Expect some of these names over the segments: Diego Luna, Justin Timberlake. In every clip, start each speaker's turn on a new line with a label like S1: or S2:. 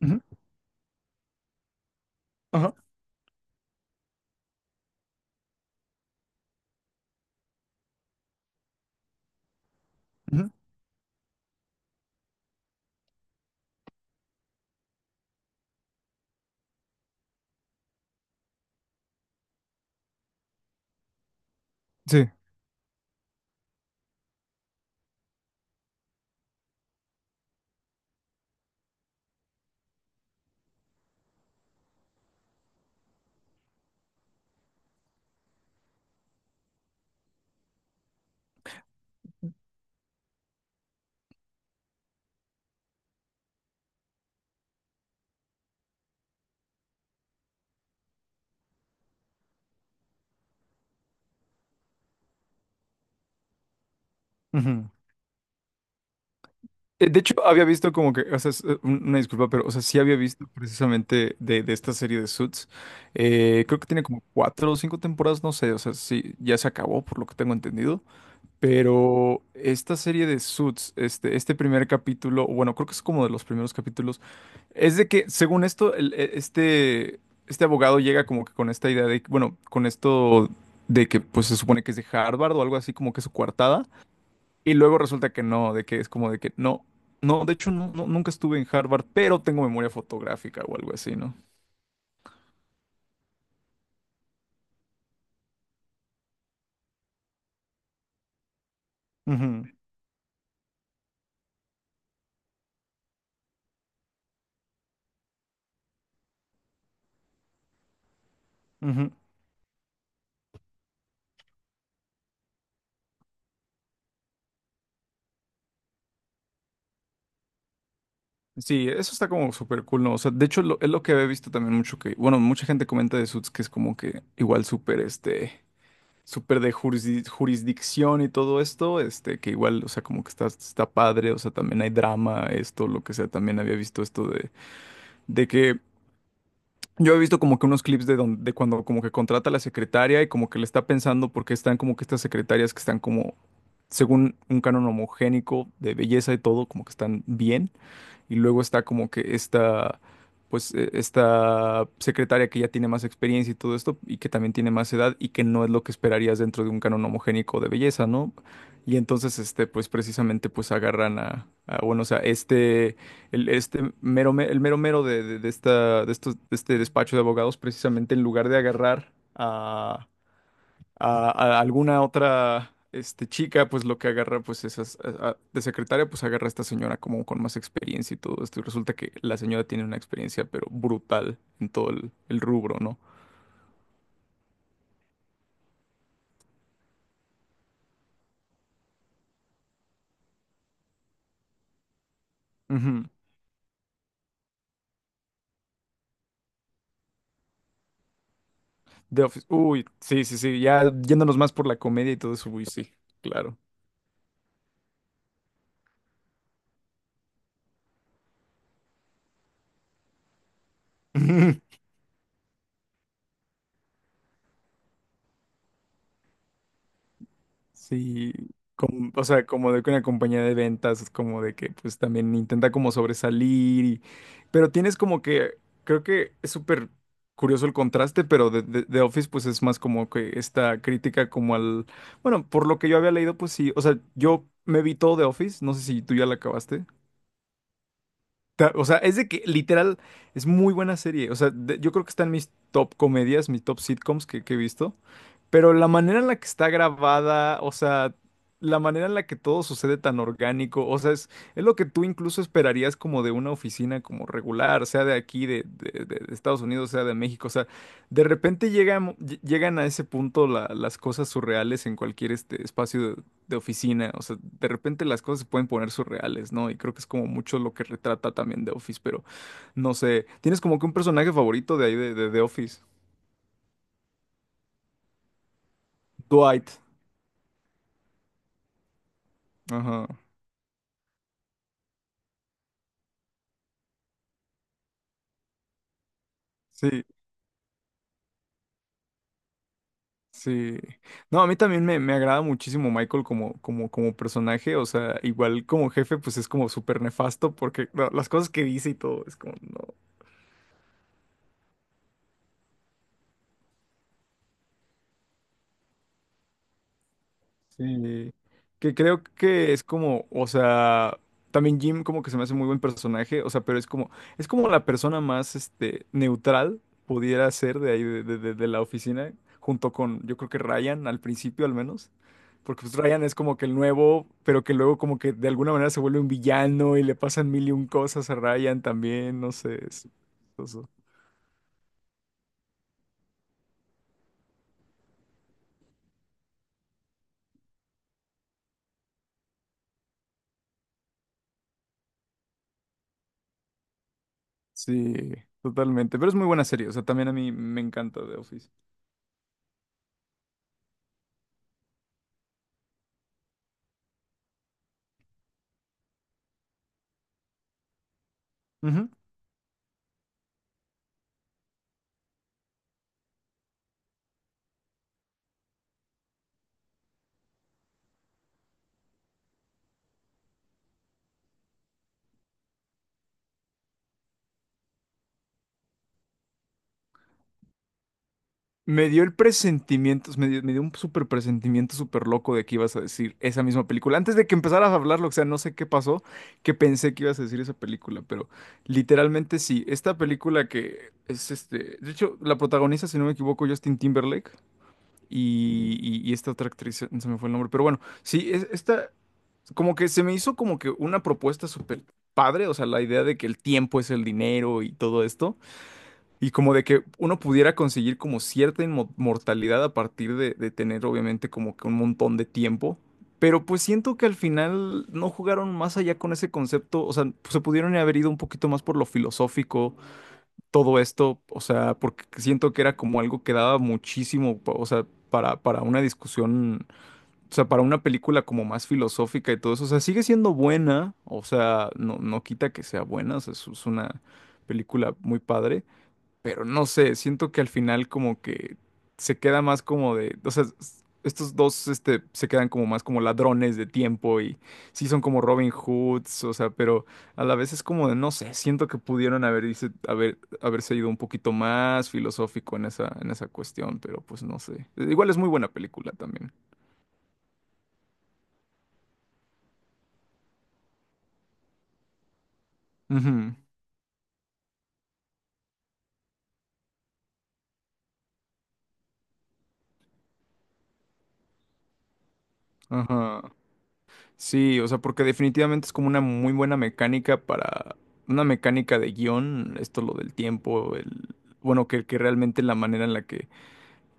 S1: Ujú. Ajá. Ujú. Sí. Ujú. De hecho, había visto como que, o sea, es, una disculpa, pero, o sea, sí había visto precisamente de esta serie de Suits. Creo que tiene como cuatro o cinco temporadas, no sé, o sea, sí, ya se acabó, por lo que tengo entendido. Pero esta serie de Suits, este, primer capítulo, o bueno, creo que es como de los primeros capítulos, es de que, según esto, este abogado llega como que con esta idea de, bueno, con esto de que, pues, se supone que es de Harvard o algo así, como que su coartada. Y luego resulta que no, de que es como de que no, no, de hecho no, nunca estuve en Harvard, pero tengo memoria fotográfica o algo así, ¿no? Ujú, ujú. Sí, eso está como súper cool, ¿no? O sea, de hecho es lo que había visto también mucho que, bueno, mucha gente comenta de Suits que es como que igual súper, este, súper jurisdicción y todo esto, este, que igual, o sea, como que está, está padre, o sea, también hay drama, esto, lo que sea, también había visto esto de que yo he visto como que unos clips de, donde, de cuando como que contrata a la secretaria y como que le está pensando porque están como que estas secretarias que están como, según un canon homogénico de belleza y todo, como que están bien y luego está como que esta, pues esta secretaria que ya tiene más experiencia y todo esto y que también tiene más edad y que no es lo que esperarías dentro de un canon homogénico de belleza, ¿no? Y entonces, este, pues precisamente, pues agarran bueno, o sea, este, el, este mero, el mero mero de este despacho de abogados, precisamente en lugar de agarrar a, a alguna otra este, chica, pues lo que agarra, pues esas, de secretaria, pues agarra a esta señora como con más experiencia y todo esto. Y resulta que la señora tiene una experiencia, pero brutal en todo el rubro, ¿no? Ujú. The Office. Uy, sí, sí, sí, ya yéndonos más por la comedia y todo eso, uy, sí, claro. Sí, o sea, como de que una compañía de ventas, es como de que pues también intenta como sobresalir, y, pero tienes como que, creo que es súper curioso el contraste, pero de Office pues es más como que esta crítica como al, bueno, por lo que yo había leído, pues sí, o sea, yo me vi todo de Office, no sé si tú ya la acabaste. O sea, es de que literal es muy buena serie. O sea, yo creo que está en mis top comedias, mis top sitcoms que he visto. Pero la manera en la que está grabada, o sea, la manera en la que todo sucede tan orgánico, o sea, es lo que tú incluso esperarías como de una oficina como regular, sea de aquí, de Estados Unidos, sea de México, o sea, de repente llegan, llegan a ese punto las cosas surreales en cualquier este espacio de oficina, o sea, de repente las cosas se pueden poner surreales, ¿no? Y creo que es como mucho lo que retrata también The Office, pero no sé, ¿tienes como que un personaje favorito de ahí de The Office? Dwight. Ajá. Sí. Sí. No, a mí también me agrada muchísimo Michael como personaje. O sea, igual como jefe, pues es como súper nefasto porque no, las cosas que dice y todo es como, no. Sí. Que creo que es como, o sea, también Jim como que se me hace muy buen personaje. O sea, pero es como la persona más, este, neutral pudiera ser de ahí, de la oficina, junto con, yo creo que Ryan al principio al menos. Porque pues Ryan es como que el nuevo, pero que luego como que de alguna manera se vuelve un villano y le pasan mil y un cosas a Ryan también, no sé. Es chistoso. Sí, totalmente. Pero es muy buena serie, o sea, también a mí me encanta The Office. Ujú. Me dio el presentimiento, me dio un súper presentimiento súper loco de que ibas a decir esa misma película. Antes de que empezaras a hablarlo, o sea, no sé qué pasó, que pensé que ibas a decir esa película, pero literalmente sí. Esta película que es este, de hecho, la protagoniza, si no me equivoco, Justin Timberlake. y, y esta otra actriz, se me fue el nombre, pero bueno, sí, esta, como que se me hizo como que una propuesta súper padre, o sea, la idea de que el tiempo es el dinero y todo esto, y como de que uno pudiera conseguir como cierta inmortalidad a partir de tener obviamente como que un montón de tiempo. Pero pues siento que al final no jugaron más allá con ese concepto, o sea, se pudieron haber ido un poquito más por lo filosófico, todo esto, o sea, porque siento que era como algo que daba muchísimo, o sea, para una discusión, o sea, para una película como más filosófica y todo eso, o sea, sigue siendo buena, o sea, no, no quita que sea buena, o sea, es una película muy padre, pero no sé, siento que al final como que se queda más como de, o sea, estos dos este, se quedan como más como ladrones de tiempo y sí son como Robin Hoods, o sea, pero a la vez es como de, no sé, siento que pudieron haberse ido un poquito más filosófico en esa, cuestión, pero pues no sé. Igual es muy buena película también. Ujú. Ajá. Sí, o sea, porque definitivamente es como una muy buena mecánica para una mecánica de guión, esto lo del tiempo, el bueno, que realmente la manera en la que,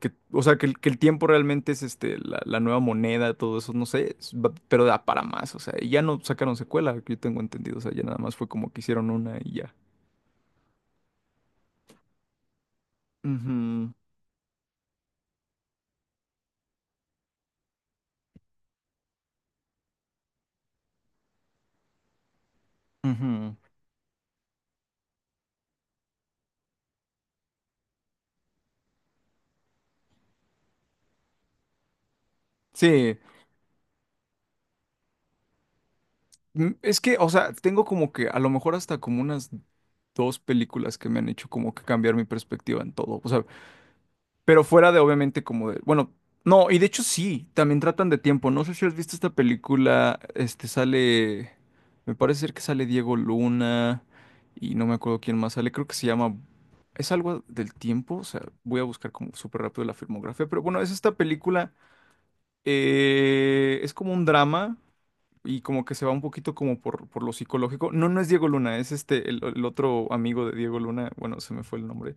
S1: o sea, que el tiempo realmente es este la nueva moneda, todo eso, no sé, pero da para más, o sea, y ya no sacaron secuela, que yo tengo entendido, o sea, ya nada más fue como que hicieron una y ya. Ujú, ujú. Sí, es que, o sea, tengo como que a lo mejor hasta como unas dos películas que me han hecho como que cambiar mi perspectiva en todo, o sea, pero fuera de, obviamente, como de. Bueno, no, y de hecho sí, también tratan de tiempo. No sé si has visto esta película. Este sale. Me parece ser que sale Diego Luna. Y no me acuerdo quién más sale. Creo que se llama. Es algo del tiempo. O sea, voy a buscar como súper rápido la filmografía. Pero bueno, es esta película. Es como un drama y como que se va un poquito como por lo psicológico. No, no es Diego Luna, es este, el otro amigo de Diego Luna, bueno, se me fue el nombre,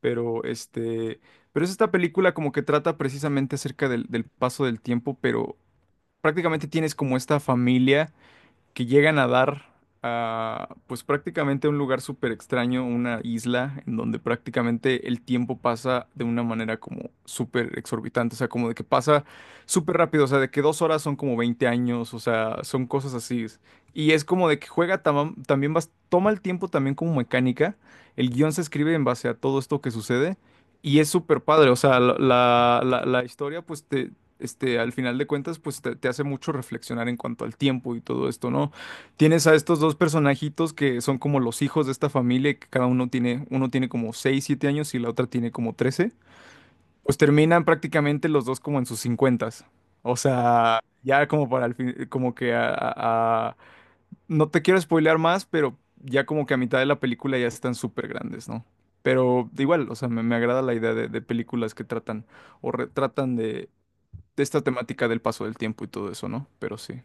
S1: pero este, pero es esta película como que trata precisamente acerca del paso del tiempo, pero prácticamente tienes como esta familia que llegan a dar a, pues prácticamente a un lugar súper extraño, una isla en donde prácticamente el tiempo pasa de una manera como súper exorbitante, o sea, como de que pasa súper rápido, o sea, de que 2 horas son como 20 años, o sea, son cosas así. Y es como de que juega también, toma el tiempo también como mecánica, el guión se escribe en base a todo esto que sucede. Y es súper padre, o sea, la historia pues te, este, al final de cuentas, pues te hace mucho reflexionar en cuanto al tiempo y todo esto, ¿no? Tienes a estos dos personajitos que son como los hijos de esta familia, y que cada uno tiene como 6 7 años y la otra tiene como 13. Pues terminan prácticamente los dos como en sus cincuentas. O sea, ya como para el fin, como que a, no te quiero spoilear más, pero ya como que a mitad de la película ya están súper grandes, ¿no? Pero igual, o sea, me agrada la idea de películas que tratan o retratan de esta temática del paso del tiempo y todo eso, ¿no? Pero sí.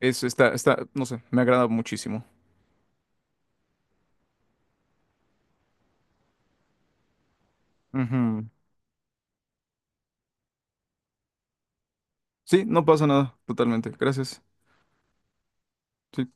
S1: Es, está, está, no sé, me agrada muchísimo. Ujú. Sí, no pasa nada, totalmente. Gracias. Sí.